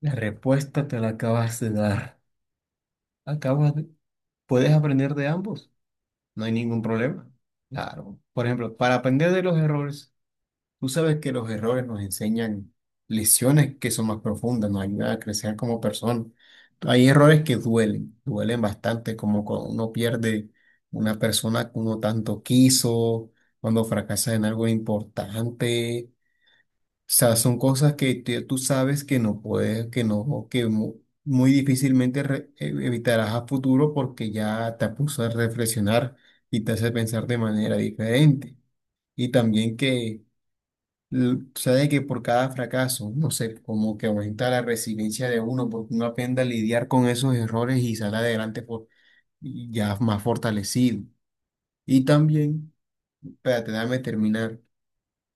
La respuesta te la acabas de dar. Acabas de- Puedes aprender de ambos, no hay ningún problema. Claro. Por ejemplo, para aprender de los errores, tú sabes que los errores nos enseñan lecciones que son más profundas, nos ayudan a crecer como personas. Hay errores que duelen, duelen bastante, como cuando uno pierde una persona que uno tanto quiso, cuando fracasa en algo importante. O sea, son cosas que tú sabes que no puedes, que no, que muy difícilmente evitarás a futuro porque ya te puso a reflexionar y te hace pensar de manera diferente. Y también que sabes que por cada fracaso, no sé, como que aumenta la resiliencia de uno, porque uno aprende a lidiar con esos errores y sale adelante y ya más fortalecido. Y también, espérate, déjame terminar.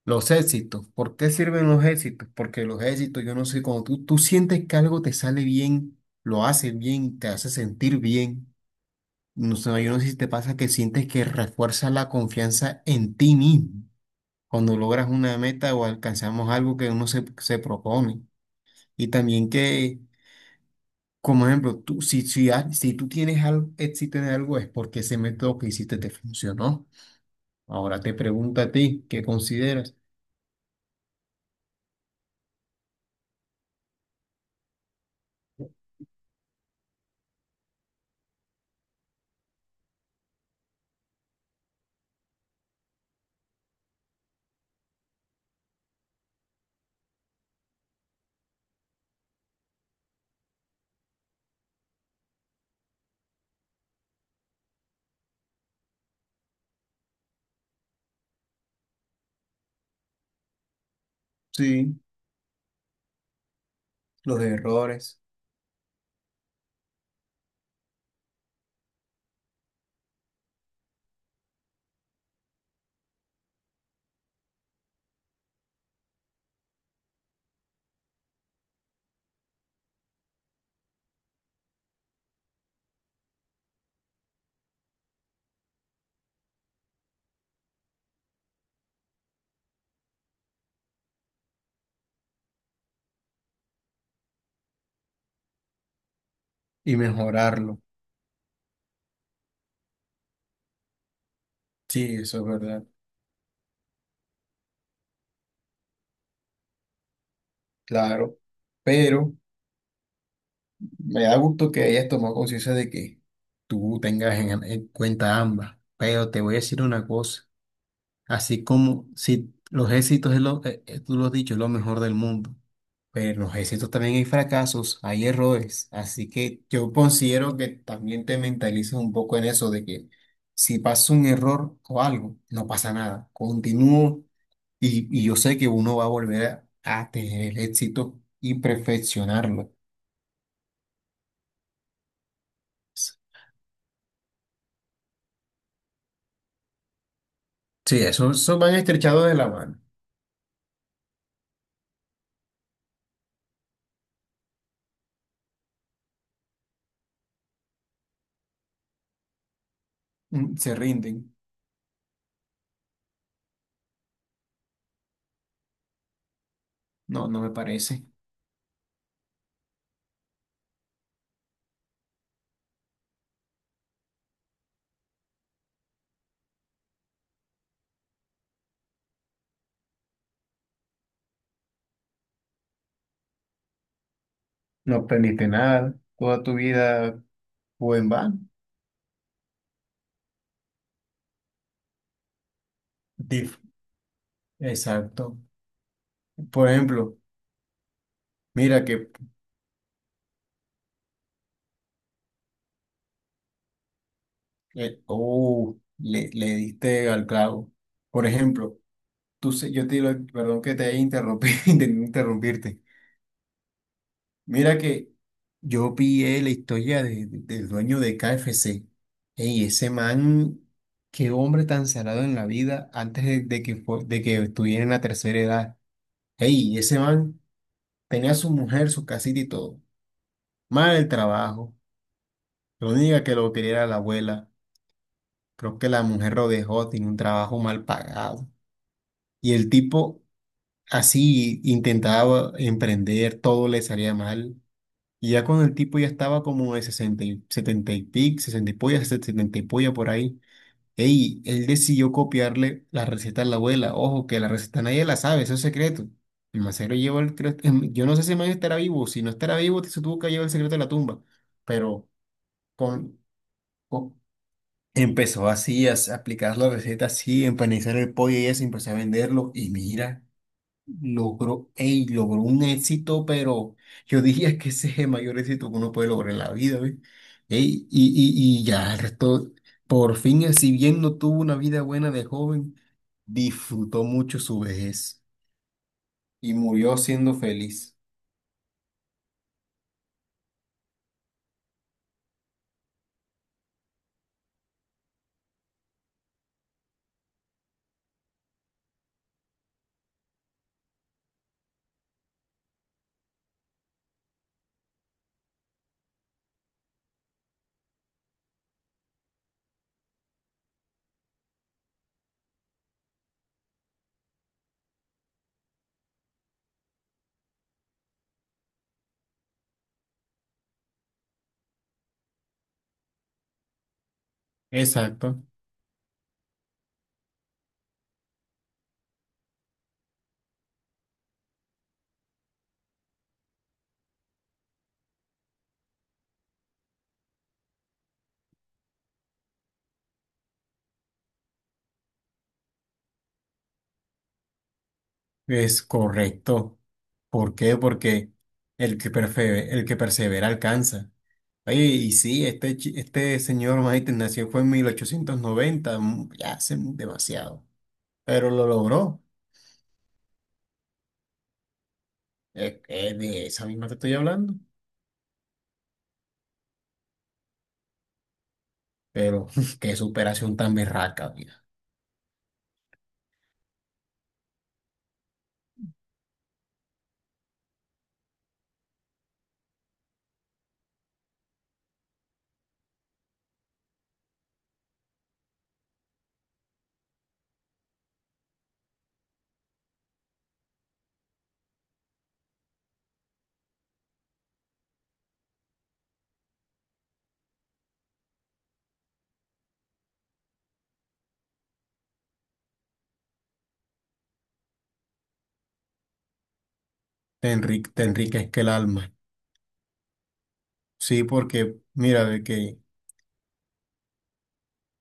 Los éxitos. ¿Por qué sirven los éxitos? Porque los éxitos, yo no sé, cuando tú sientes que algo te sale bien, lo haces bien, te hace sentir bien. No sé, yo no sé si te pasa que sientes que refuerza la confianza en ti mismo cuando logras una meta o alcanzamos algo que uno se propone. Y también que, como ejemplo, tú, si tú tienes algo, éxito en algo es porque ese método que hiciste te funcionó. Ahora te pregunto a ti, ¿qué consideras? Sí, los errores. Y mejorarlo. Sí, eso es verdad, claro. Pero me da gusto que hayas tomado conciencia de que tú tengas en cuenta ambas. Pero te voy a decir una cosa, así como si los éxitos, es lo, tú lo has dicho, es lo mejor del mundo. Pero en los éxitos también hay fracasos, hay errores. Así que yo considero que también te mentalices un poco en eso de que si pasa un error o algo, no pasa nada. Continúo. Y yo sé que uno va a volver a tener el éxito y perfeccionarlo. Sí, eso van estrechados de la mano. Mm. Se rinden. No, no me parece. No aprendiste nada. Toda tu vida fue en vano. Dif- Exacto. Por ejemplo, mira que, oh, le diste al clavo. Por ejemplo, yo te digo, perdón que te haya interrumpido, intenté interrumpirte. Mira que yo pillé la historia del dueño de KFC. Ey, ese man, qué hombre tan salado en la vida antes de que estuviera en la tercera edad. Ey, ese man tenía a su mujer, su casita y todo. Mal el trabajo. Lo única que lo quería era la abuela. Creo que la mujer lo dejó, tiene un trabajo mal pagado. Y el tipo así intentaba emprender, todo le salía mal. Y ya cuando el tipo ya estaba como de 60 y 70 y pico, 60 y polla, 70 y polla por ahí, ey, él decidió copiarle la receta a la abuela. Ojo, que la receta nadie la sabe, eso es secreto. El man se lo llevó el Yo no sé si el man estará vivo, si no estará vivo, se tuvo que llevar el secreto de la tumba. Pero con, con- empezó así a aplicar la receta, así, empanizar el pollo y eso, empezó a venderlo. Y mira. Logró un éxito, pero yo diría que ese es el mayor éxito que uno puede lograr en la vida, ¿ves? Ey, y ya el resto, por fin, si bien no tuvo una vida buena de joven, disfrutó mucho su vejez y murió siendo feliz. Exacto. Es correcto. ¿Por qué? Porque el que persevera alcanza. Oye, y sí, este señor Maiten nació fue en 1890, ya hace demasiado. Pero lo logró. Es de esa misma te estoy hablando. Pero qué superación tan berraca, mira. Te enriquezca el alma. Sí, porque mira, de que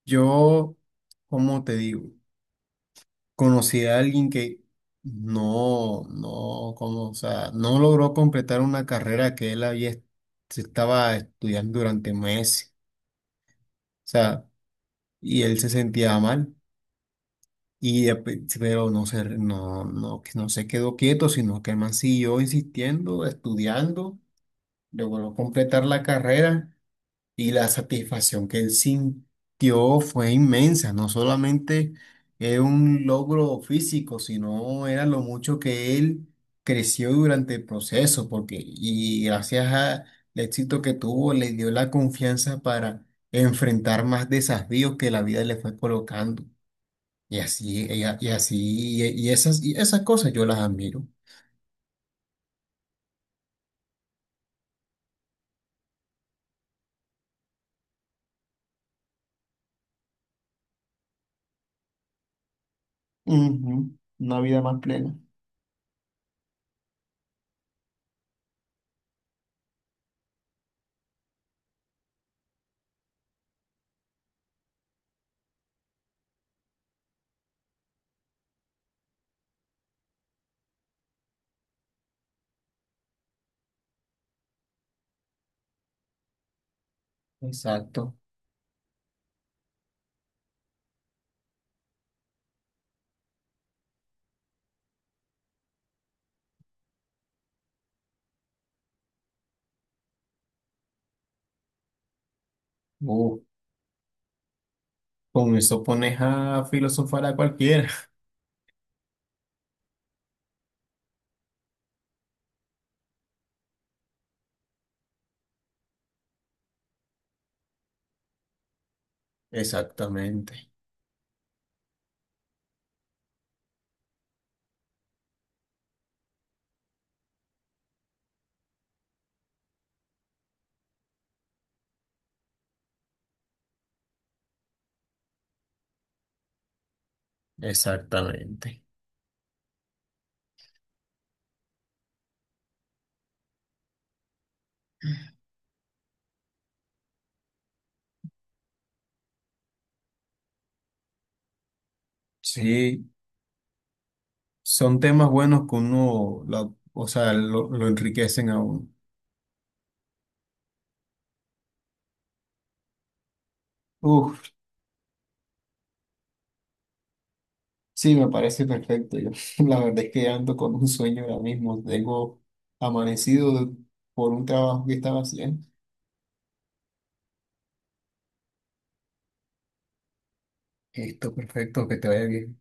yo, ¿cómo te digo? Conocí a alguien que no, como, o sea, no logró completar una carrera que él se estaba estudiando durante meses. O sea, y él se sentía mal. Y, pero no se, no, no, que no se quedó quieto, sino que el man siguió insistiendo, estudiando, logró completar la carrera y la satisfacción que él sintió fue inmensa. No solamente era un logro físico, sino era lo mucho que él creció durante el proceso, porque y gracias al éxito que tuvo, le dio la confianza para enfrentar más desafíos que la vida le fue colocando. Y así, y esas cosas yo las admiro. Ujú, una vida más plena. Exacto. Uh, con eso pones a filosofar a cualquiera. Exactamente, exactamente. Sí, son temas buenos que uno, o sea, lo enriquecen a uno. Uf, sí, me parece perfecto. Yo, la verdad es que ando con un sueño ahora mismo. Tengo amanecido por un trabajo que estaba haciendo. Esto, perfecto, que te vaya bien.